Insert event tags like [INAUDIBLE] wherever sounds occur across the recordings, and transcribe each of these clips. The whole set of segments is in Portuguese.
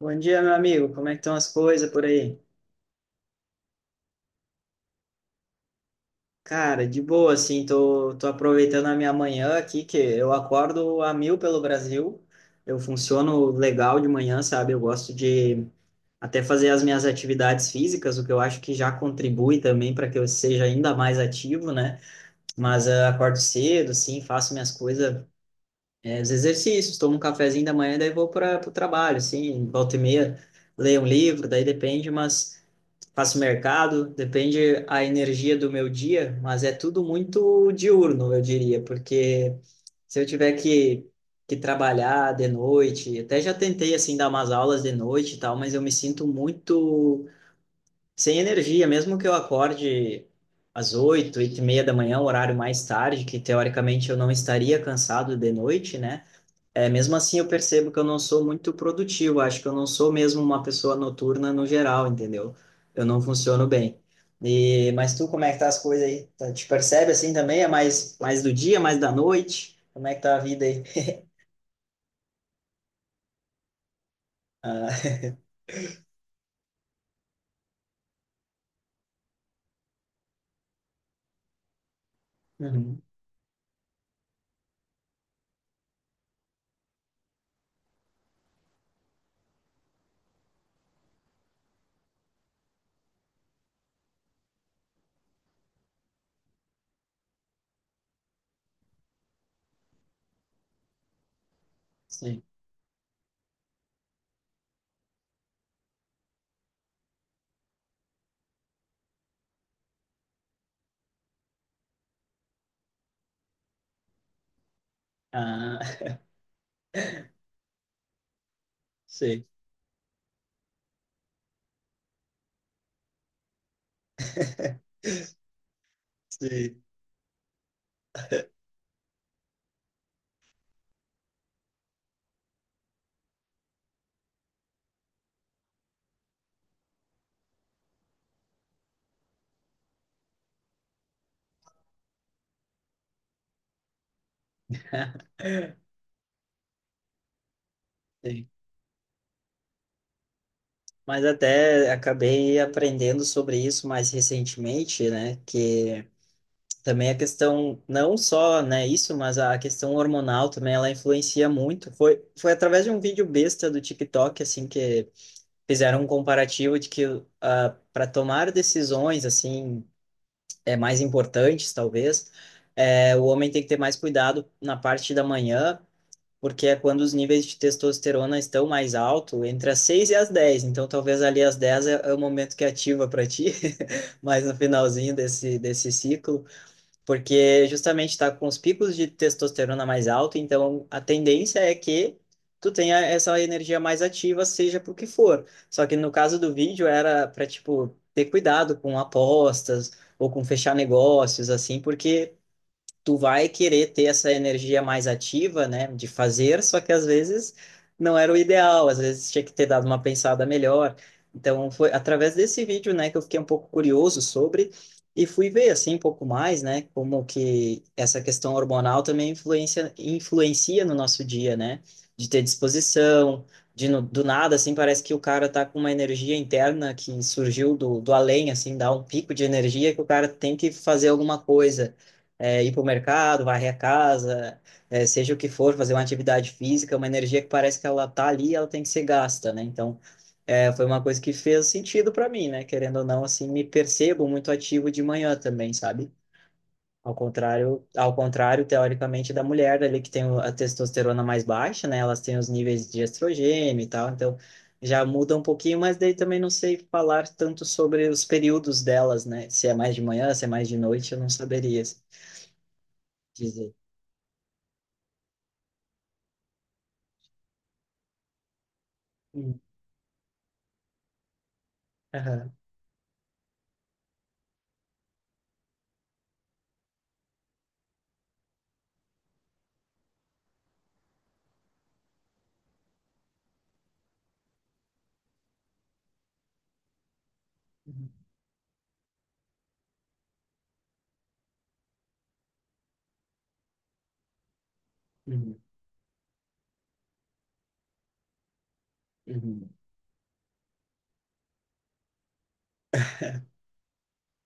Bom dia, meu amigo. Como é que estão as coisas por aí? Cara, de boa, assim, tô aproveitando a minha manhã aqui, que eu acordo a mil pelo Brasil. Eu funciono legal de manhã, sabe? Eu gosto de até fazer as minhas atividades físicas, o que eu acho que já contribui também para que eu seja ainda mais ativo, né? Mas acordo cedo, sim, faço minhas coisas, os exercícios, tomo um cafezinho da manhã, daí vou para o trabalho, assim, volta e meia, leio um livro, daí depende, faço mercado, depende a energia do meu dia, mas é tudo muito diurno, eu diria, porque se eu tiver que trabalhar de noite, até já tentei assim dar umas aulas de noite e tal, mas eu me sinto muito sem energia, mesmo que eu acorde às 8, 8h30 da manhã, um horário mais tarde, que teoricamente eu não estaria cansado de noite, né? É, mesmo assim, eu percebo que eu não sou muito produtivo. Acho que eu não sou mesmo uma pessoa noturna no geral, entendeu? Eu não funciono bem. Mas tu, como é que tá as coisas aí? Te percebe assim também? É mais, mais do dia, mais da noite? Como é que tá a vida aí? [LAUGHS] Ah, uhum, sim. Ah, [LAUGHS] sim. Sim, sim. Mas até acabei aprendendo sobre isso mais recentemente, né? Que também a questão, não só, né, isso, mas a questão hormonal também, ela influencia muito. Foi através de um vídeo besta do TikTok, assim, que fizeram um comparativo de que para tomar decisões, assim, é, mais importantes, talvez, é, o homem tem que ter mais cuidado na parte da manhã, porque é quando os níveis de testosterona estão mais alto, entre as 6 e as 10. Então, talvez ali às 10 é, é o momento que ativa para ti, [LAUGHS] mais no finalzinho desse ciclo, porque justamente está com os picos de testosterona mais alto, então a tendência é que tu tenha essa energia mais ativa, seja por que for. Só que no caso do vídeo era para tipo ter cuidado com apostas ou com fechar negócios assim, porque tu vai querer ter essa energia mais ativa, né, de fazer, só que às vezes não era o ideal, às vezes tinha que ter dado uma pensada melhor. Então foi através desse vídeo, né, que eu fiquei um pouco curioso sobre e fui ver assim um pouco mais, né, como que essa questão hormonal também influencia no nosso dia, né, de ter disposição, de do nada assim parece que o cara tá com uma energia interna que surgiu do além, assim, dá um pico de energia que o cara tem que fazer alguma coisa, é, ir para o mercado, varrer a casa, é, seja o que for, fazer uma atividade física, uma energia que parece que ela tá ali, ela tem que ser gasta, né? Então, é, foi uma coisa que fez sentido para mim, né? Querendo ou não, assim, me percebo muito ativo de manhã também, sabe? Ao contrário, teoricamente, da mulher ali que tem a testosterona mais baixa, né? Elas têm os níveis de estrogênio e tal, então já muda um pouquinho, mas daí também não sei falar tanto sobre os períodos delas, né? Se é mais de manhã, se é mais de noite, eu não saberia dizer. Hum, aham, uhum, uhum, uhum.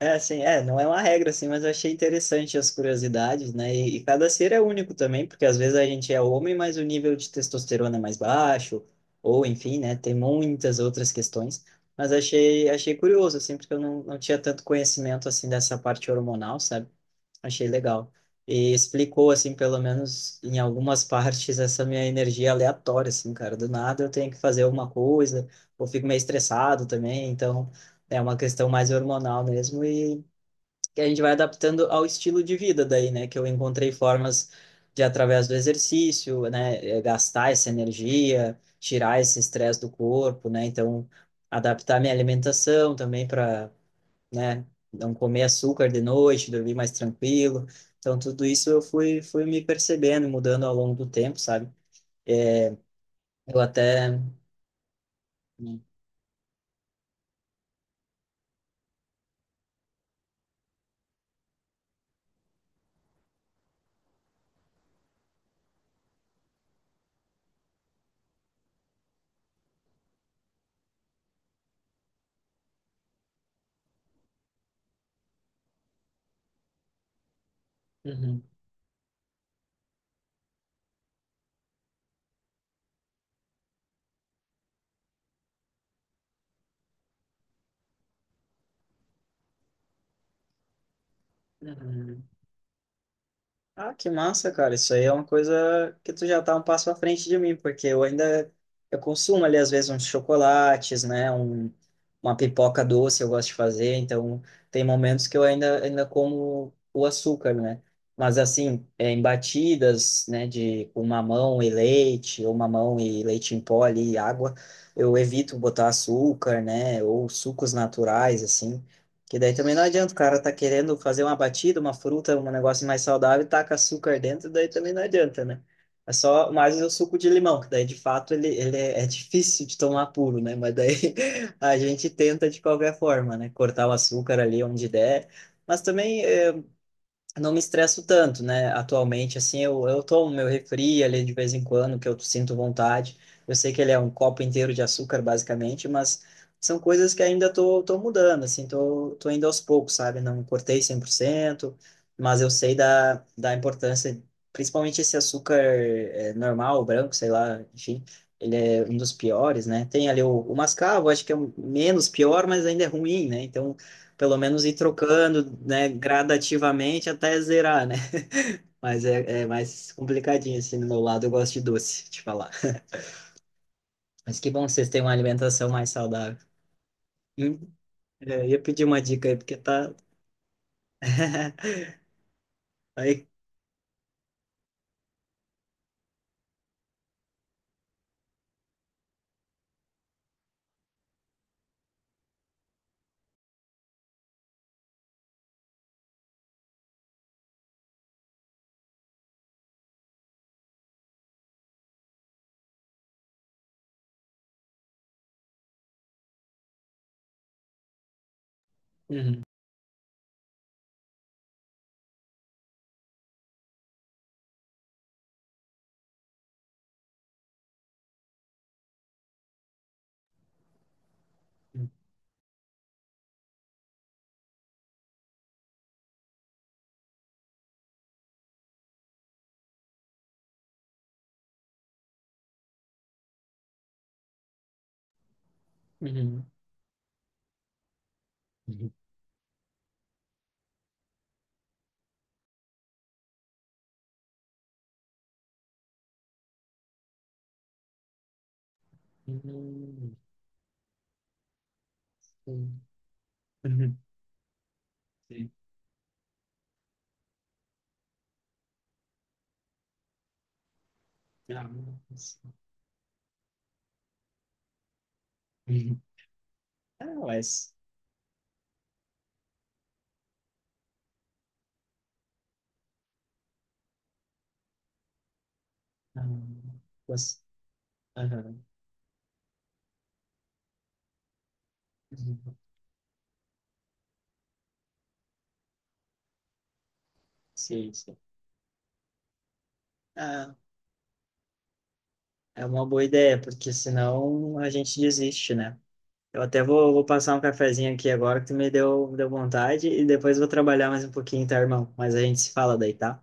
É assim, é, não é uma regra assim, mas eu achei interessante as curiosidades, né? E cada ser é único também, porque às vezes a gente é homem, mas o nível de testosterona é mais baixo, ou enfim, né? Tem muitas outras questões, mas achei curioso assim, porque eu não, não tinha tanto conhecimento assim dessa parte hormonal, sabe? Achei legal. E explicou, assim, pelo menos em algumas [LAUGHS] partes, essa minha energia aleatória, assim, cara. Do nada eu tenho que fazer alguma coisa, ou fico meio estressado também. Então, é uma questão mais hormonal mesmo. E que a gente vai adaptando ao estilo de vida daí, né? Que eu encontrei formas de, através do exercício, né? Gastar essa energia, tirar esse estresse do corpo, né? Então, adaptar minha alimentação também para, né? Não comer açúcar de noite, dormir mais tranquilo. Então, tudo isso eu fui me percebendo, mudando ao longo do tempo, sabe? Eu até. Uhum. Uhum. Ah, que massa, cara. Isso aí é uma coisa que tu já tá um passo à frente de mim, porque eu ainda eu consumo ali às vezes uns chocolates, né, um, uma pipoca doce eu gosto de fazer, então tem momentos que eu ainda como o açúcar, né? Mas assim, é, em batidas, né, de com mamão e leite, ou mamão e leite em pó ali, e água, eu evito botar açúcar, né, ou sucos naturais assim. Que daí também não adianta, o cara tá querendo fazer uma batida, uma fruta, um negócio mais saudável, e taca açúcar dentro, daí também não adianta, né? É só mais o suco de limão, que daí de fato ele é difícil de tomar puro, né? Mas daí [LAUGHS] a gente tenta de qualquer forma, né? Cortar o açúcar ali onde der. Mas também não me estresso tanto, né? Atualmente, assim, eu tomo meu refri ali de vez em quando, que eu sinto vontade. Eu sei que ele é um copo inteiro de açúcar, basicamente, mas são coisas que ainda tô mudando, assim, tô indo aos poucos, sabe? Não cortei 100%, mas eu sei da importância, principalmente esse açúcar normal, branco, sei lá, enfim, ele é um dos piores, né? Tem ali o mascavo, acho que é o menos pior, mas ainda é ruim, né? Então, pelo menos ir trocando, né, gradativamente até zerar, né? Mas é, é mais complicadinho, assim, do meu lado eu gosto de doce, te falar. Mas que bom que vocês têm uma alimentação mais saudável. Hum, é, eu ia pedir uma dica aí, porque tá... [LAUGHS] aí... Uhum, uhum, uhum, uhum, uhum, uhum, sim. Ah, mas... Uhum. Ah, mas... ah, mas- aham, uhum, sim, sim. Ah, é uma boa ideia, porque senão a gente desiste, né? Eu até vou passar um cafezinho aqui agora que tu me deu vontade e depois vou trabalhar mais um pouquinho, tá, irmão? Mas a gente se fala daí, tá?